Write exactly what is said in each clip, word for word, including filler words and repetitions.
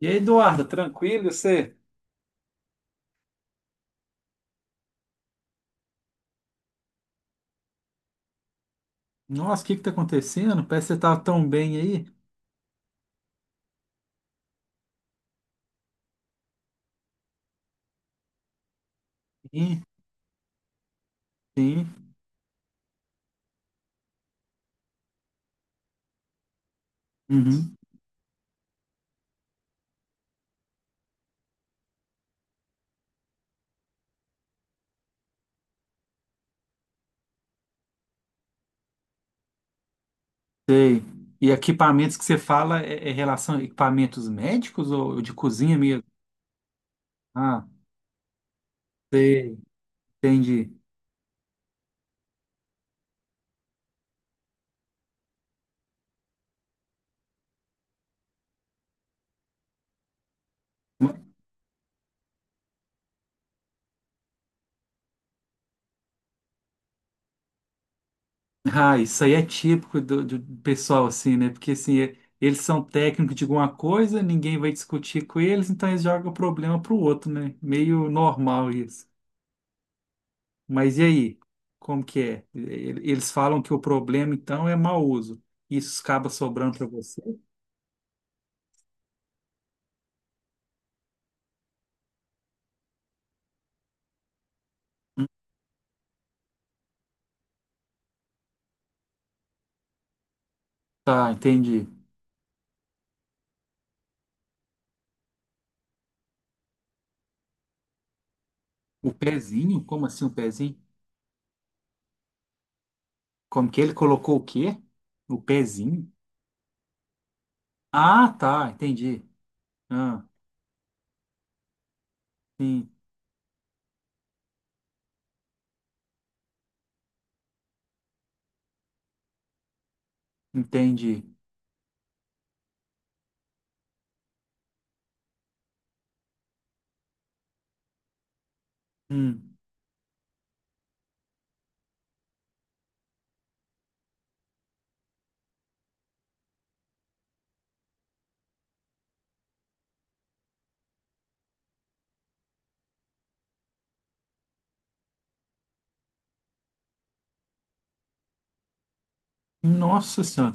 E aí, Eduardo, tranquilo, e você? Nossa, o que que tá acontecendo? Parece que você tava tão bem aí. Sim, sim. Uhum, sei. E equipamentos que você fala é, é relação a equipamentos médicos ou de cozinha mesmo? Ah, sei, entendi. Ah, isso aí é típico do, do pessoal, assim, né? Porque, assim, é- eles são técnicos de alguma coisa, ninguém vai discutir com eles, então eles jogam o problema pro outro, né? Meio normal isso. Mas e aí? Como que é? Ele- Eles falam que o problema então é mau uso. Isso acaba sobrando para você? Tá, entendi. O pezinho? Como assim o pezinho? Como que ele colocou o quê? O pezinho? Ah, tá, entendi. Ah, sim, entendi. Hum. Nossa Senhora.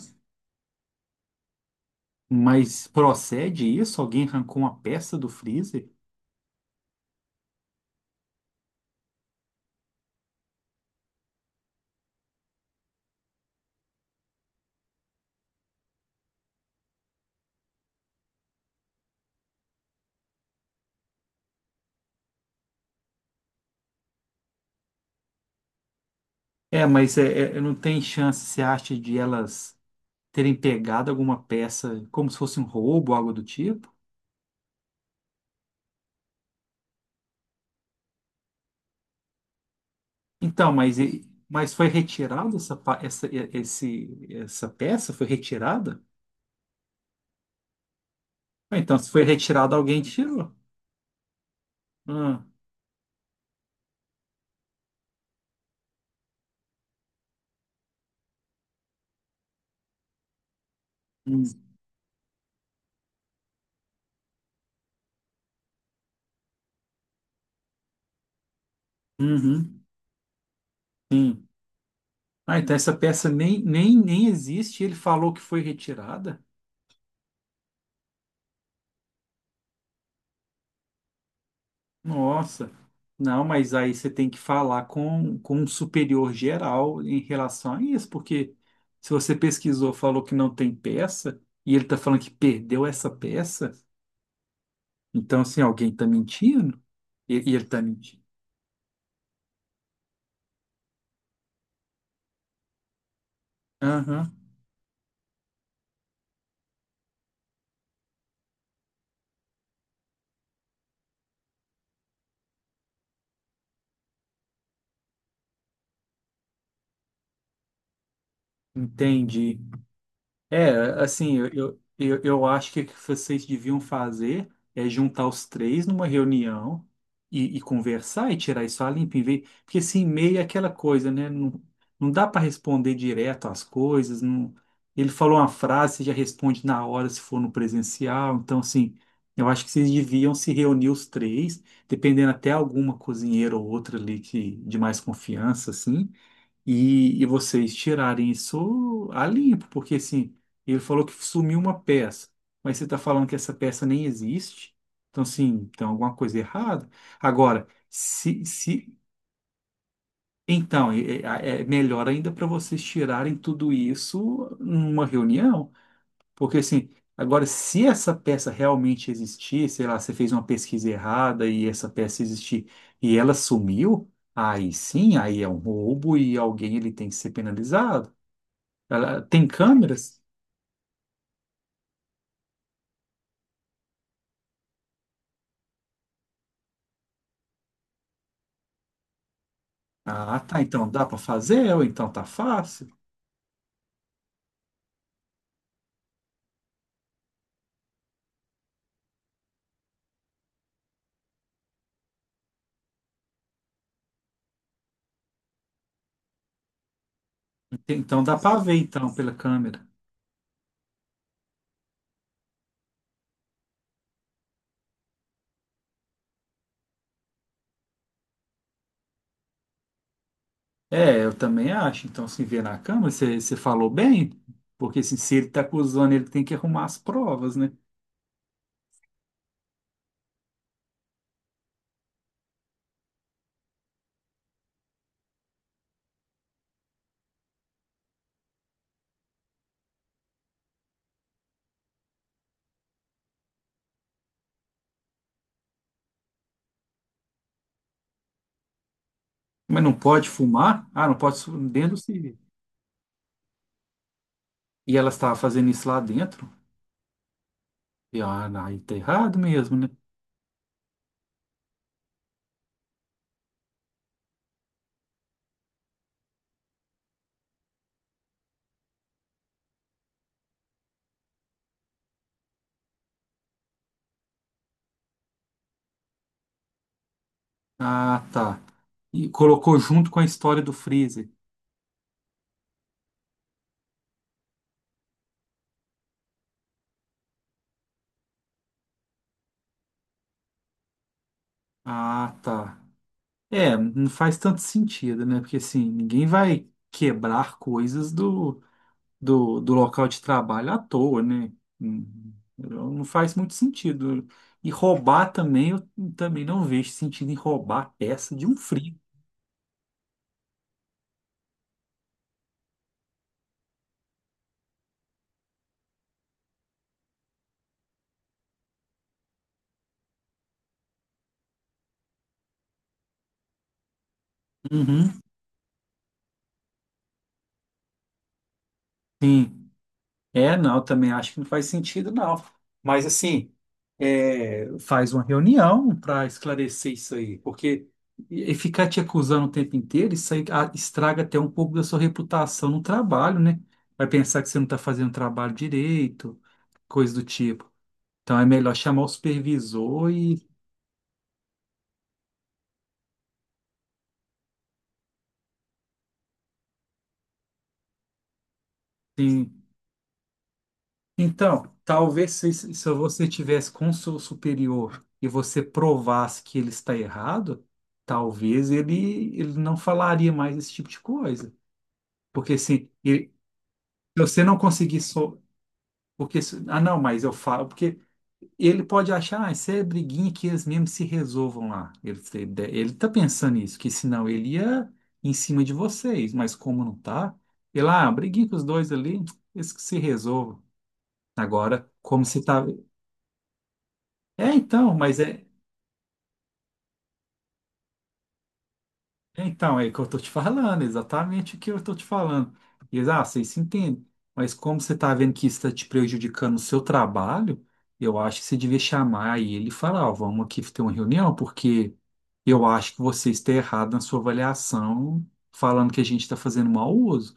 Mas procede isso? Alguém arrancou uma peça do freezer? É, mas é, é- não tem chance, você acha, de elas terem pegado alguma peça como se fosse um roubo, algo do tipo? Então, mas, e- mas foi retirada essa, pa- essa, e- esse, essa peça? Foi retirada? Ah, então, se foi retirada, alguém tirou. Ah, hum, uhum, sim. Ah, então essa peça nem, nem, nem existe. Ele falou que foi retirada? Nossa. Não, mas aí você tem que falar com, com um superior geral em relação a isso, porque se você pesquisou, falou que não tem peça, e ele está falando que perdeu essa peça, então, assim, alguém está mentindo? E, e ele está mentindo. Aham, entendi. É, assim, eu, eu, eu eu acho que o que vocês deviam fazer é juntar os três numa reunião e, e conversar e tirar isso a limpo, em vez, porque assim, e-mail é aquela coisa, né? Não, não dá para responder direto às coisas, não, ele falou uma frase, você já responde na hora se for no presencial, então assim, eu acho que vocês deviam se reunir os três, dependendo até alguma cozinheira ou outra ali que, de mais confiança, assim, e, e vocês tirarem isso a limpo, porque assim, ele falou que sumiu uma peça, mas você está falando que essa peça nem existe, então assim, tem alguma coisa errada. Agora, se, se então, é, é- é melhor ainda para vocês tirarem tudo isso numa reunião, porque assim, agora, se essa peça realmente existir, sei lá, você fez uma pesquisa errada e essa peça existir e ela sumiu, aí sim, aí é um roubo e alguém ele tem que ser penalizado. Ela tem câmeras? Ah, tá. Então dá para fazer, ou então tá fácil. Ente- Então dá para ver então pela câmera. É, eu também acho. Então se vê na câmera, você você falou bem, porque assim, se ele tá acusando, ele tem que arrumar as provas, né? Mas não pode fumar? Ah, não pode su- dentro do civil. E ela estava fazendo isso lá dentro? E ah, não, aí tá errado mesmo, né? Ah, tá. E colocou junto com a história do freezer. Ah, tá. É, não faz tanto sentido, né? Porque assim, ninguém vai quebrar coisas do, do, do local de trabalho à toa, né? Hum, não faz muito sentido. E roubar também, eu também não vejo sentido em roubar peça de um frio. Uhum. Sim. É, não, também acho que não faz sentido, não. Mas, assim, é, faz uma reunião para esclarecer isso aí, porque e e ficar te acusando o tempo inteiro, isso aí ah, estraga até um pouco da sua reputação no trabalho, né? Vai pensar que você não está fazendo o trabalho direito, coisa do tipo. Então, é melhor chamar o supervisor e, assim, então, talvez se, se você tivesse com seu superior e você provasse que ele está errado, talvez ele, ele não falaria mais esse tipo de coisa. Porque assim, ele, se você não conseguir só. Porque, se- ah, não, mas eu falo. Porque ele pode achar, ah, isso é briguinha que eles mesmos se resolvam lá. Ele, ele tá pensando isso, que senão ele ia em cima de vocês. Mas como não tá, ele, ah, briguinha com os dois ali, eles que se resolvam. Agora, como se tá. É, então, mas é, é então, é o que eu tô te falando, exatamente o que eu tô te falando. E eles, ah, vocês se entendem, mas como você tá vendo que isso tá te prejudicando o seu trabalho, eu acho que você devia chamar ele e falar, ó, vamos aqui ter uma reunião, porque eu acho que você está errado na sua avaliação, falando que a gente está fazendo mau uso.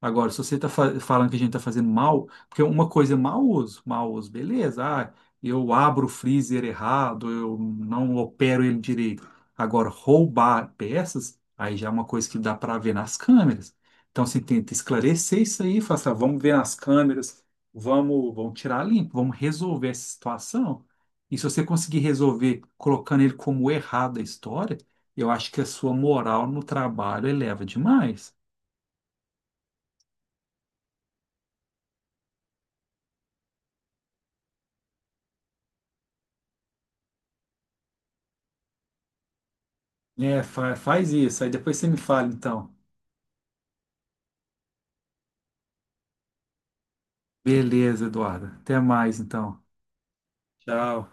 Agora, se você está falando que a gente está fazendo mal, porque uma coisa é mau uso, mau uso, beleza, ah, eu abro o freezer errado, eu não opero ele direito. Agora, roubar peças, aí já é uma coisa que dá para ver nas câmeras. Então, você tenta esclarecer isso aí, fala assim, "Ah, vamos ver nas câmeras, vamos, vamos tirar limpo, vamos resolver essa situação." E se você conseguir resolver colocando ele como errado a história, eu acho que a sua moral no trabalho eleva demais. É, fa- faz isso. Aí depois você me fala, então. Beleza, Eduardo. Até mais, então. Tchau.